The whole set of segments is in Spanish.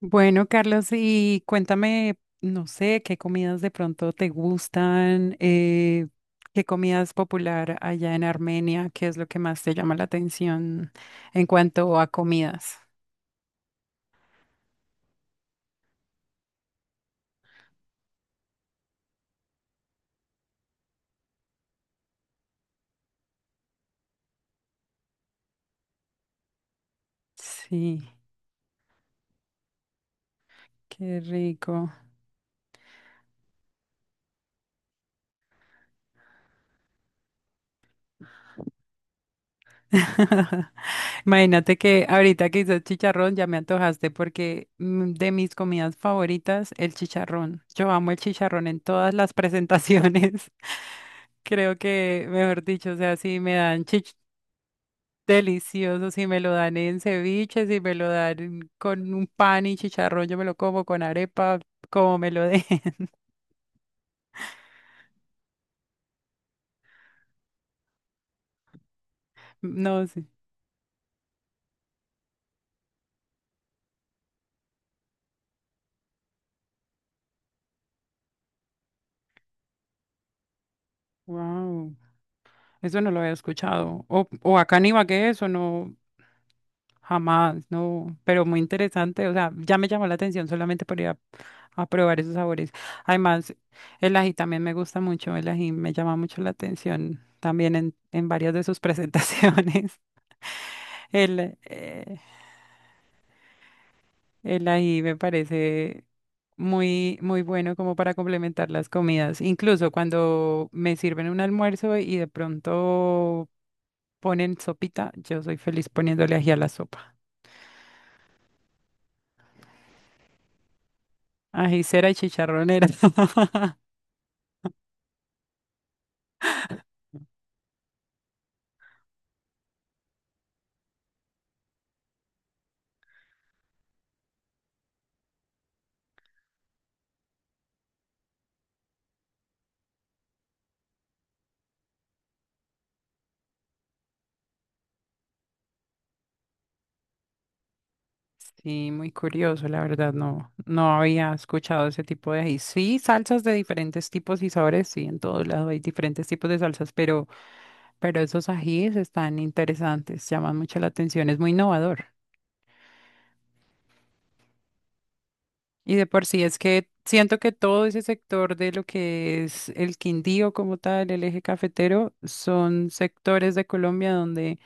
Bueno, Carlos, y cuéntame, no sé, qué comidas de pronto te gustan, qué comida es popular allá en Armenia, qué es lo que más te llama la atención en cuanto a comidas. Sí, qué rico. Imagínate que ahorita que hice chicharrón ya me antojaste porque de mis comidas favoritas, el chicharrón. Yo amo el chicharrón en todas las presentaciones. Creo que, mejor dicho, o sea, si me dan chicharrón. Delicioso, si me lo dan en ceviche, si me lo dan con un pan y chicharrón, yo me lo como con arepa, como me lo den. No sé. Wow. Eso no lo había escuchado. O acá en Ibagué, eso no, jamás, no. Pero muy interesante. O sea, ya me llamó la atención solamente por ir a probar esos sabores. Además, el ají también me gusta mucho. El ají me llama mucho la atención también en varias de sus presentaciones. El, eh, El ají me parece muy, muy bueno como para complementar las comidas. Incluso cuando me sirven un almuerzo y de pronto ponen sopita, yo soy feliz poniéndole ají a la sopa. Ajicera y chicharronera. Sí, muy curioso, la verdad, no, no había escuchado ese tipo de ají. Sí, salsas de diferentes tipos y sabores, sí, en todos lados hay diferentes tipos de salsas, pero esos ajíes están interesantes, llaman mucho la atención, es muy innovador. Y de por sí es que siento que todo ese sector de lo que es el Quindío como tal, el eje cafetero, son sectores de Colombia donde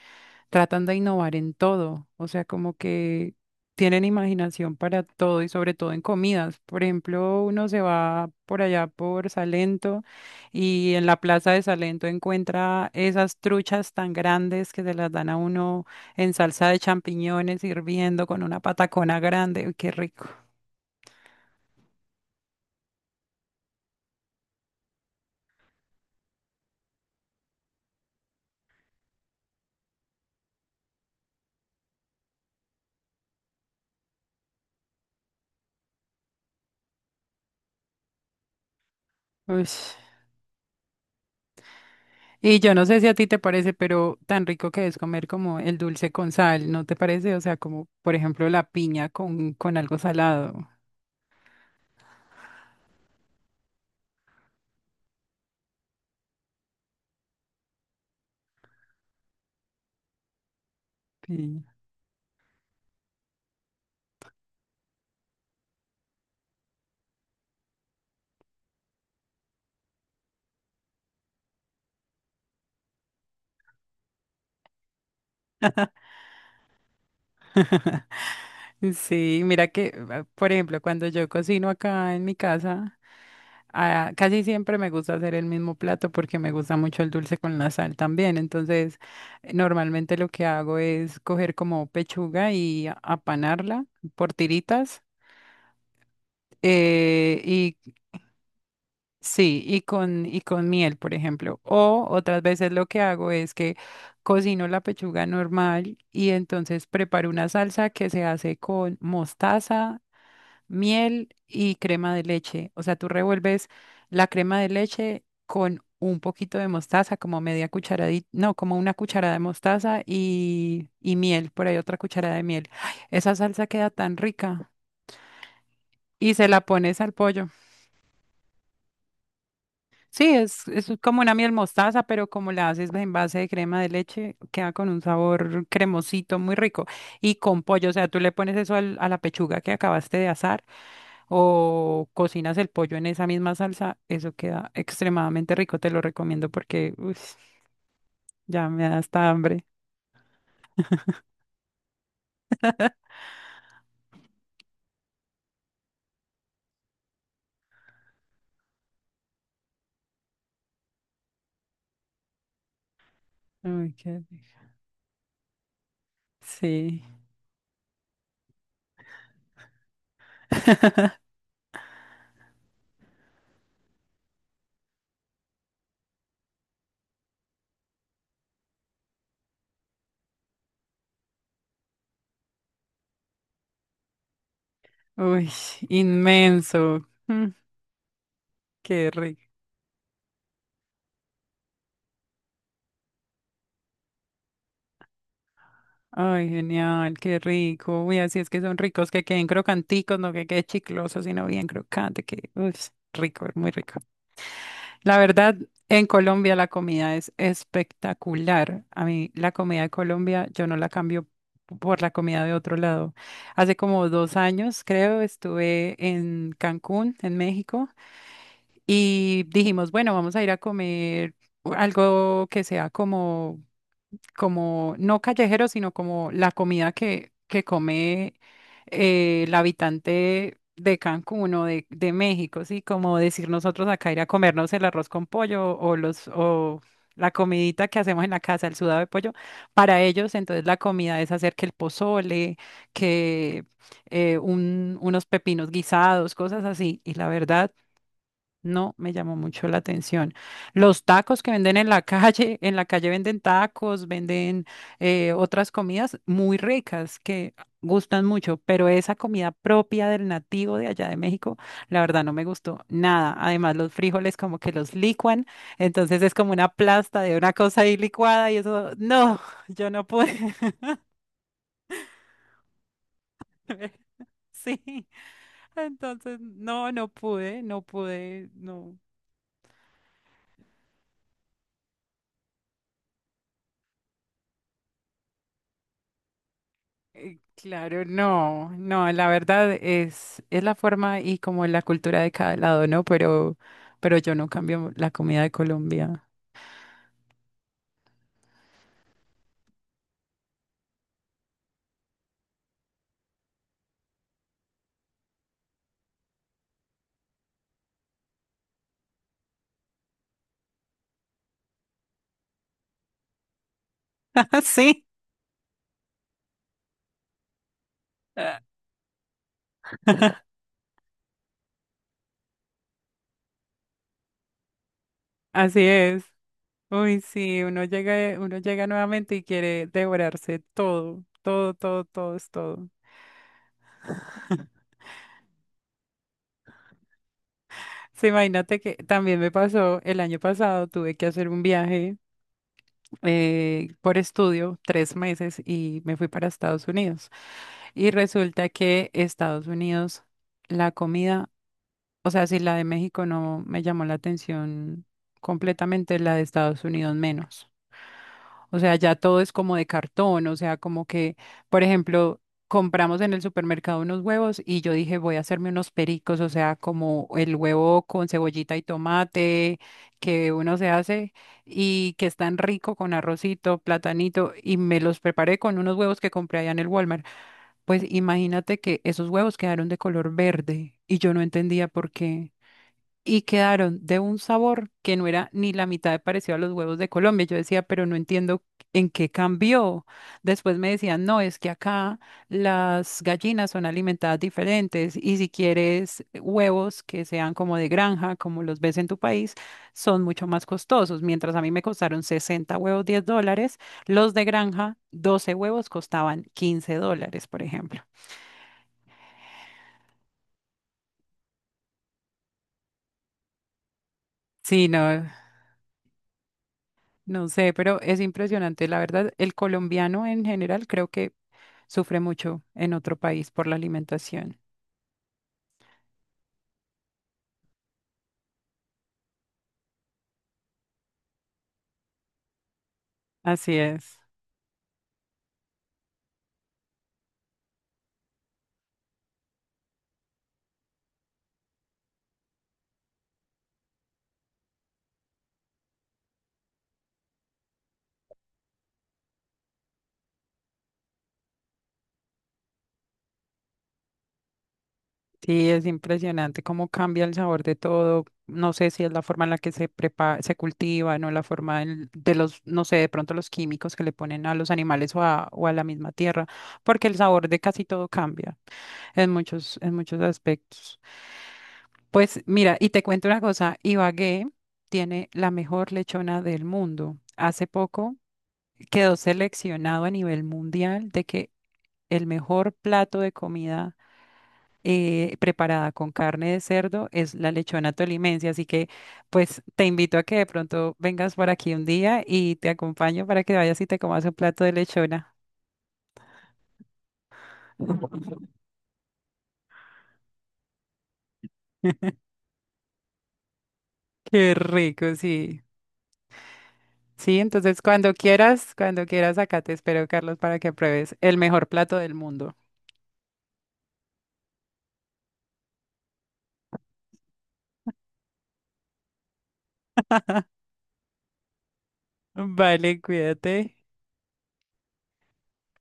tratan de innovar en todo. O sea, como que tienen imaginación para todo y sobre todo en comidas. Por ejemplo, uno se va por allá por Salento y en la plaza de Salento encuentra esas truchas tan grandes que se las dan a uno en salsa de champiñones hirviendo con una patacona grande. Uy, qué rico. Uy. Y yo no sé si a ti te parece, pero tan rico que es comer como el dulce con sal, ¿no te parece? O sea, como por ejemplo la piña con algo salado. Sí. Sí, mira que, ah, por ejemplo, cuando yo cocino acá en mi casa, ah, casi siempre me gusta hacer el mismo plato porque me gusta mucho el dulce con la sal también. Entonces, normalmente lo que hago es coger como pechuga y apanarla por tiritas. eh, Sí, y con, miel, por ejemplo. O otras veces lo que hago es que cocino la pechuga normal y entonces preparo una salsa que se hace con mostaza, miel y crema de leche. O sea, tú revuelves la crema de leche con un poquito de mostaza, como media cucharadita, no, como una cucharada de mostaza y miel, por ahí otra cucharada de miel. ¡Ay! Esa salsa queda tan rica. Y se la pones al pollo. Sí, es como una miel mostaza, pero como la haces en base de crema de leche, queda con un sabor cremosito muy rico. Y con pollo, o sea, tú le pones eso a la pechuga que acabaste de asar o cocinas el pollo en esa misma salsa, eso queda extremadamente rico, te lo recomiendo porque uy, ya me da hasta hambre. Uy, qué rico. Sí, uy, inmenso. Mm, qué rico. Ay, genial, qué rico. Uy, así es que son ricos, que queden crocanticos, no que quede chicloso, sino bien crocante, que uy, rico, muy rico. La verdad, en Colombia la comida es espectacular. A mí la comida de Colombia, yo no la cambio por la comida de otro lado. Hace como 2 años, creo, estuve en Cancún, en México, y dijimos, bueno, vamos a ir a comer algo que sea como, no callejero, sino como la comida que come el habitante de Cancún o de México, ¿sí? Como decir nosotros acá ir a comernos el arroz con pollo o la comidita que hacemos en la casa, el sudado de pollo, para ellos entonces la comida es hacer que el pozole, que unos pepinos guisados, cosas así, y la verdad no me llamó mucho la atención. Los tacos que venden en la calle, en la calle venden tacos, venden otras comidas muy ricas que gustan mucho, pero esa comida propia del nativo de allá de México, la verdad no me gustó nada. Además, los frijoles como que los licuan, entonces es como una plasta de una cosa ahí licuada y eso, no, yo no pude. Sí, entonces no, no pude, no pude, no. Claro, no, no, la verdad es la forma y como la cultura de cada lado, ¿no? Pero yo no cambio la comida de Colombia. Sí, ah, así es. Uy, sí, uno llega nuevamente y quiere devorarse todo, todo, todo, todo, es todo. Sí, imagínate que también me pasó el año pasado, tuve que hacer un viaje. Por estudio 3 meses y me fui para Estados Unidos. Y resulta que Estados Unidos, la comida, o sea, si la de México no me llamó la atención completamente, la de Estados Unidos menos. O sea, ya todo es como de cartón, o sea, como que, por ejemplo, compramos en el supermercado unos huevos y yo dije, voy a hacerme unos pericos, o sea, como el huevo con cebollita y tomate que uno se hace y que es tan rico con arrocito, platanito y me los preparé con unos huevos que compré allá en el Walmart. Pues imagínate que esos huevos quedaron de color verde y yo no entendía por qué y quedaron de un sabor que no era ni la mitad de parecido a los huevos de Colombia. Yo decía, pero no entiendo en qué cambió. Después me decían, no, es que acá las gallinas son alimentadas diferentes y si quieres huevos que sean como de granja, como los ves en tu país, son mucho más costosos. Mientras a mí me costaron 60 huevos $10, los de granja, 12 huevos costaban $15, por ejemplo. Sí, no. No sé, pero es impresionante. La verdad, el colombiano en general creo que sufre mucho en otro país por la alimentación. Así es. Sí, es impresionante cómo cambia el sabor de todo. No sé si es la forma en la que se prepara, se cultiva, no la forma de los, no sé, de pronto los químicos que le ponen a los animales o a, la misma tierra, porque el sabor de casi todo cambia en muchos aspectos. Pues mira, y te cuento una cosa, Ibagué tiene la mejor lechona del mundo. Hace poco quedó seleccionado a nivel mundial de que el mejor plato de comida preparada con carne de cerdo es la lechona tolimense. Así que pues te invito a que de pronto vengas por aquí un día y te acompaño para que vayas y te comas un plato de lechona. Qué rico, sí. Sí, entonces cuando quieras, acá te espero, Carlos, para que pruebes el mejor plato del mundo. Vale, cuídate.